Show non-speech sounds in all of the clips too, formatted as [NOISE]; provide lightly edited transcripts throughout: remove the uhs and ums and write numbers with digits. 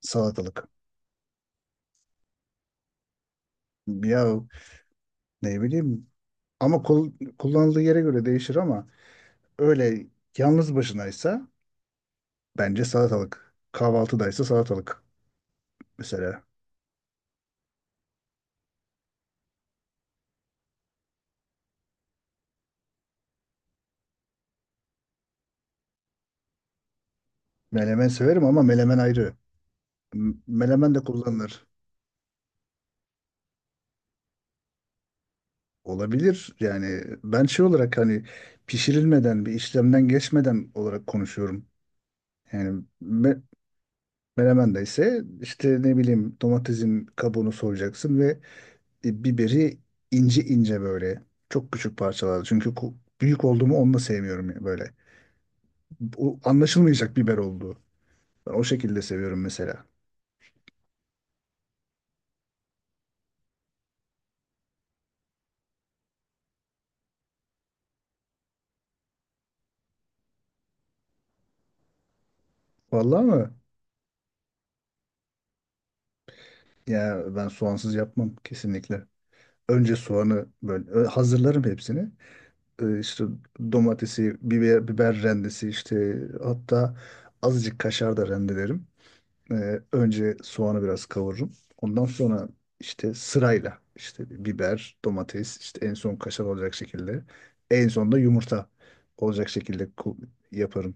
Salatalık. Ya ne bileyim ama kullanıldığı yere göre değişir ama öyle yalnız başınaysa bence salatalık. Kahvaltıdaysa salatalık mesela. Menemen severim ama menemen ayrı. Menemen de kullanılır. Olabilir yani ben şey olarak hani pişirilmeden bir işlemden geçmeden olarak konuşuyorum. Yani me Menemen de ise işte ne bileyim domatesin kabuğunu soyacaksın ve biberi ince ince böyle çok küçük parçalarda. Büyük olduğumu onu da sevmiyorum böyle. O anlaşılmayacak biber olduğu. Ben o şekilde seviyorum mesela. Vallahi mı? Ya ben soğansız yapmam kesinlikle. Önce soğanı böyle hazırlarım hepsini. İşte domatesi, biber, biber rendesi işte hatta azıcık kaşar da rendelerim. Önce soğanı biraz kavururum. Ondan sonra işte sırayla işte bir biber, domates, işte en son kaşar olacak şekilde. En son da yumurta olacak şekilde yaparım.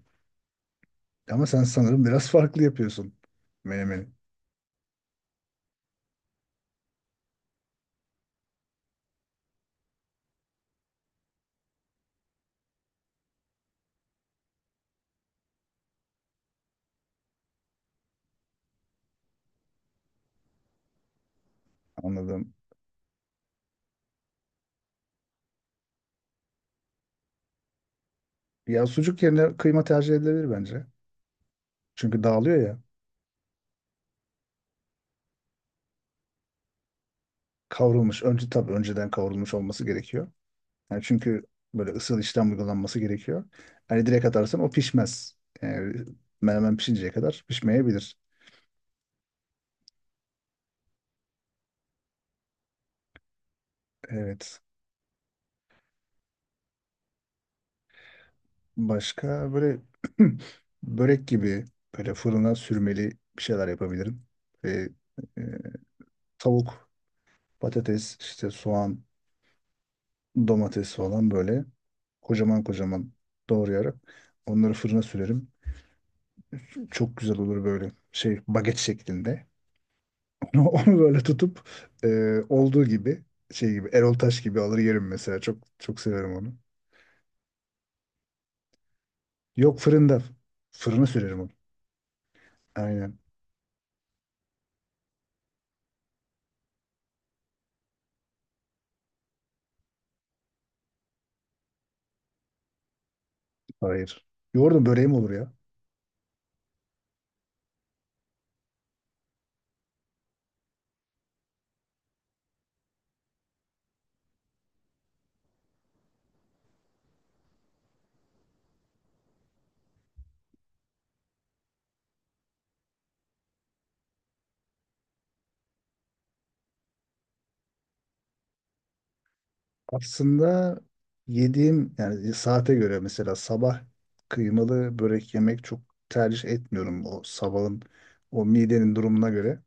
Ama sen sanırım biraz farklı yapıyorsun menemeni. Anladım. Ya sucuk yerine kıyma tercih edilebilir bence. Çünkü dağılıyor ya. Kavrulmuş. Önce tabii önceden kavrulmuş olması gerekiyor. Yani çünkü böyle ısıl işlem uygulanması gerekiyor. Hani direkt atarsan o pişmez. Yani menemen pişinceye kadar pişmeyebilir. Evet. Başka böyle [CLEARS THROAT] börek gibi böyle fırına sürmeli bir şeyler yapabilirim. Ve e, tavuk, patates, işte soğan, domates falan böyle kocaman kocaman doğrayarak onları fırına sürerim. Çok güzel olur böyle şey baget şeklinde. [LAUGHS] Onu böyle tutup e, olduğu gibi şey gibi Erol Taş gibi alır yerim mesela. Çok çok severim onu. Yok, fırında. Fırına sürerim onu. Aynen. Hayır. Yoğurdu böreğim olur ya. Aslında yediğim yani saate göre mesela sabah kıymalı börek yemek çok tercih etmiyorum o sabahın o midenin durumuna göre.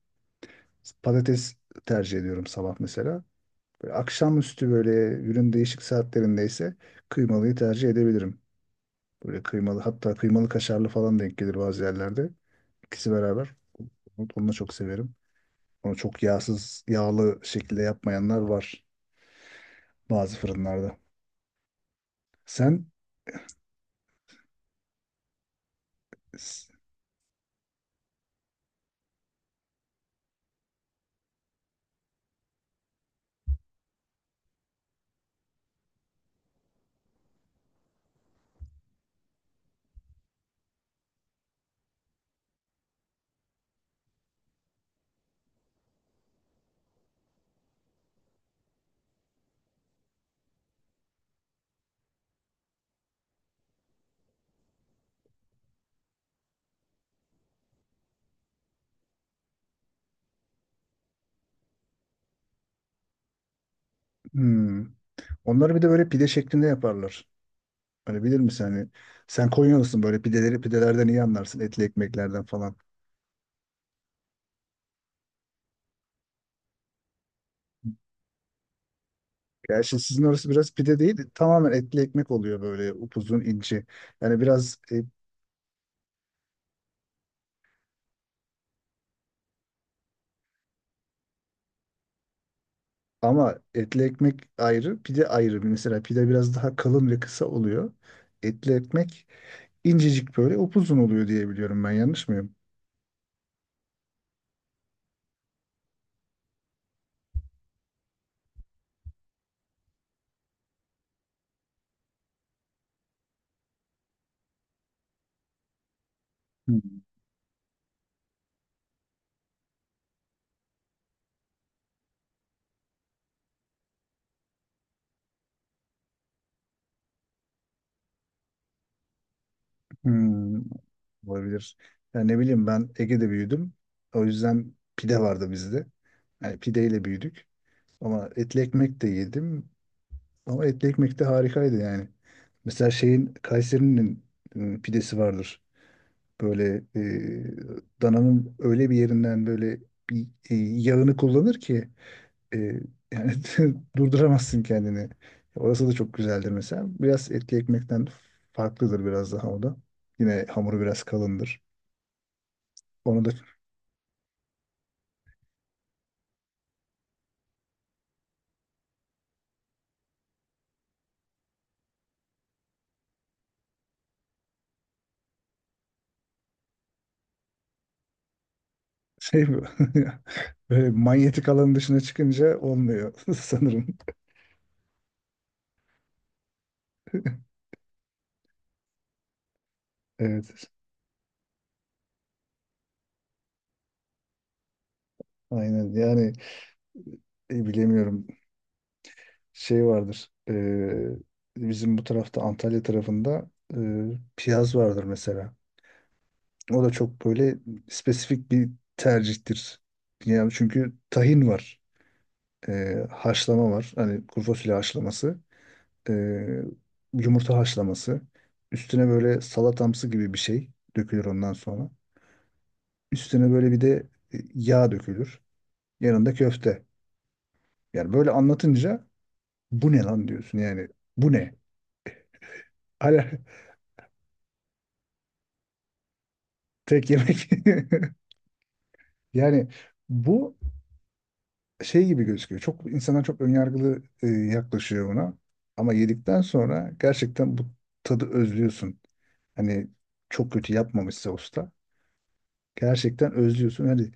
Patates tercih ediyorum sabah mesela. Böyle akşamüstü böyle günün değişik saatlerindeyse kıymalıyı tercih edebilirim. Böyle kıymalı hatta kıymalı kaşarlı falan denk gelir bazı yerlerde. İkisi beraber. Onu da çok severim. Onu çok yağsız, yağlı şekilde yapmayanlar var bazı fırınlarda. Sen. Hmm. Onları bir de böyle pide şeklinde yaparlar. Hani bilir misin hani sen Konyalısın böyle pideleri pidelerden iyi anlarsın etli ekmeklerden falan. Gerçi sizin orası biraz pide değil tamamen etli ekmek oluyor böyle upuzun ince. Yani ama etli ekmek ayrı pide ayrı. Mesela pide biraz daha kalın ve kısa oluyor. Etli ekmek incecik böyle upuzun oluyor diye biliyorum, ben yanlış mıyım? Hmm, olabilir. Ya ne bileyim ben Ege'de büyüdüm. O yüzden pide vardı bizde. Yani pideyle büyüdük. Ama etli ekmek de yedim. Ama etli ekmek de harikaydı yani. Mesela şeyin Kayseri'nin pidesi vardır. Böyle dananın öyle bir yerinden böyle bir yağını kullanır ki e, yani [LAUGHS] durduramazsın kendini. Orası da çok güzeldir mesela. Biraz etli ekmekten farklıdır biraz daha o da. Yine hamuru biraz kalındır. Onu da şey bu. [LAUGHS] Böyle manyetik alanın dışına çıkınca olmuyor [LAUGHS] sanırım. Evet. Aynen. Yani bilemiyorum. Şey vardır. Bizim bu tarafta Antalya tarafında e, piyaz vardır mesela. O da çok böyle spesifik bir tercihtir. Yani çünkü tahin var. Haşlama var. Hani kuru fasulye haşlaması. e, Yumurta haşlaması. Üstüne böyle salatamsı gibi bir şey dökülür ondan sonra. Üstüne böyle bir de yağ dökülür. Yanında köfte. Yani böyle anlatınca bu ne lan diyorsun yani. Bu ne? Hala [LAUGHS] tek yemek. [LAUGHS] Yani bu şey gibi gözüküyor. Çok insanlar çok önyargılı yaklaşıyor buna. Ama yedikten sonra gerçekten bu tadı özlüyorsun. Hani çok kötü yapmamışsa usta. Gerçekten özlüyorsun. Hani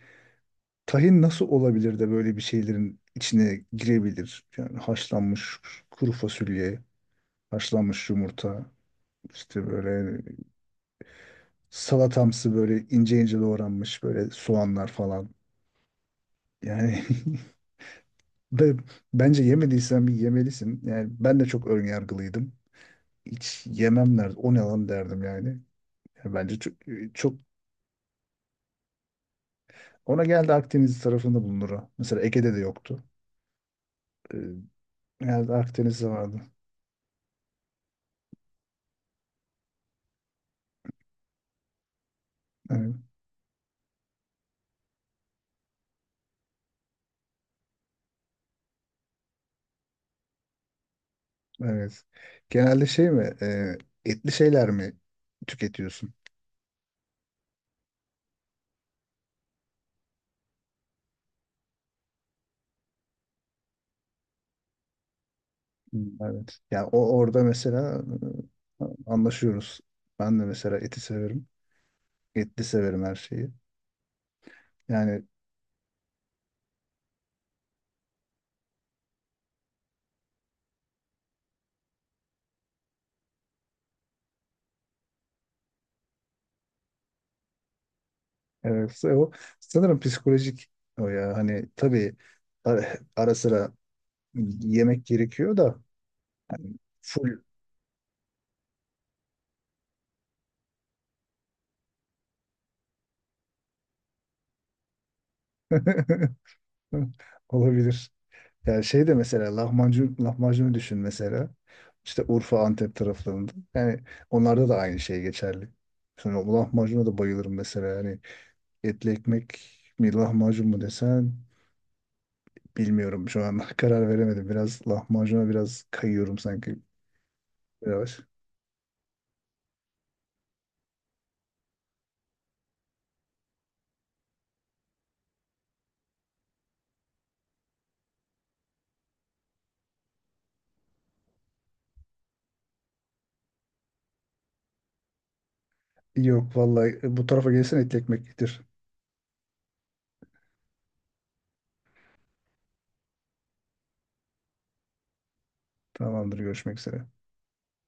tahin nasıl olabilir de böyle bir şeylerin içine girebilir? Yani haşlanmış kuru fasulye, haşlanmış yumurta, işte böyle salatamsı böyle ince ince doğranmış böyle soğanlar falan. Yani [LAUGHS] ve bence yemediysen bir yemelisin. Yani ben de çok ön yargılıydım. Hiç yemem derdim. O ne lan derdim yani. Yani bence çok, çok ona geldi, Akdeniz tarafında bulunur o. Mesela Ege'de de yoktu. Ee, Genelde Akdeniz'de vardı. Evet, evet. Genelde şey mi? Etli şeyler mi tüketiyorsun? Hmm, evet. Yani o orada mesela anlaşıyoruz. Ben de mesela eti severim. Etli severim her şeyi. Yani evet, o sanırım psikolojik o ya. Hani tabii ara sıra yemek gerekiyor da full [LAUGHS] olabilir. Yani şey de mesela lahmacun, lahmacunu düşün mesela. İşte Urfa, Antep taraflarında. Yani onlarda da aynı şey geçerli. Sonra o lahmacuna da bayılırım mesela. Yani etli ekmek mi lahmacun mu desen bilmiyorum şu an, [LAUGHS] karar veremedim. Biraz lahmacuna biraz kayıyorum sanki. Biraz. Yok vallahi, bu tarafa gelsen etli ekmek getir. Tamamdır, görüşmek üzere.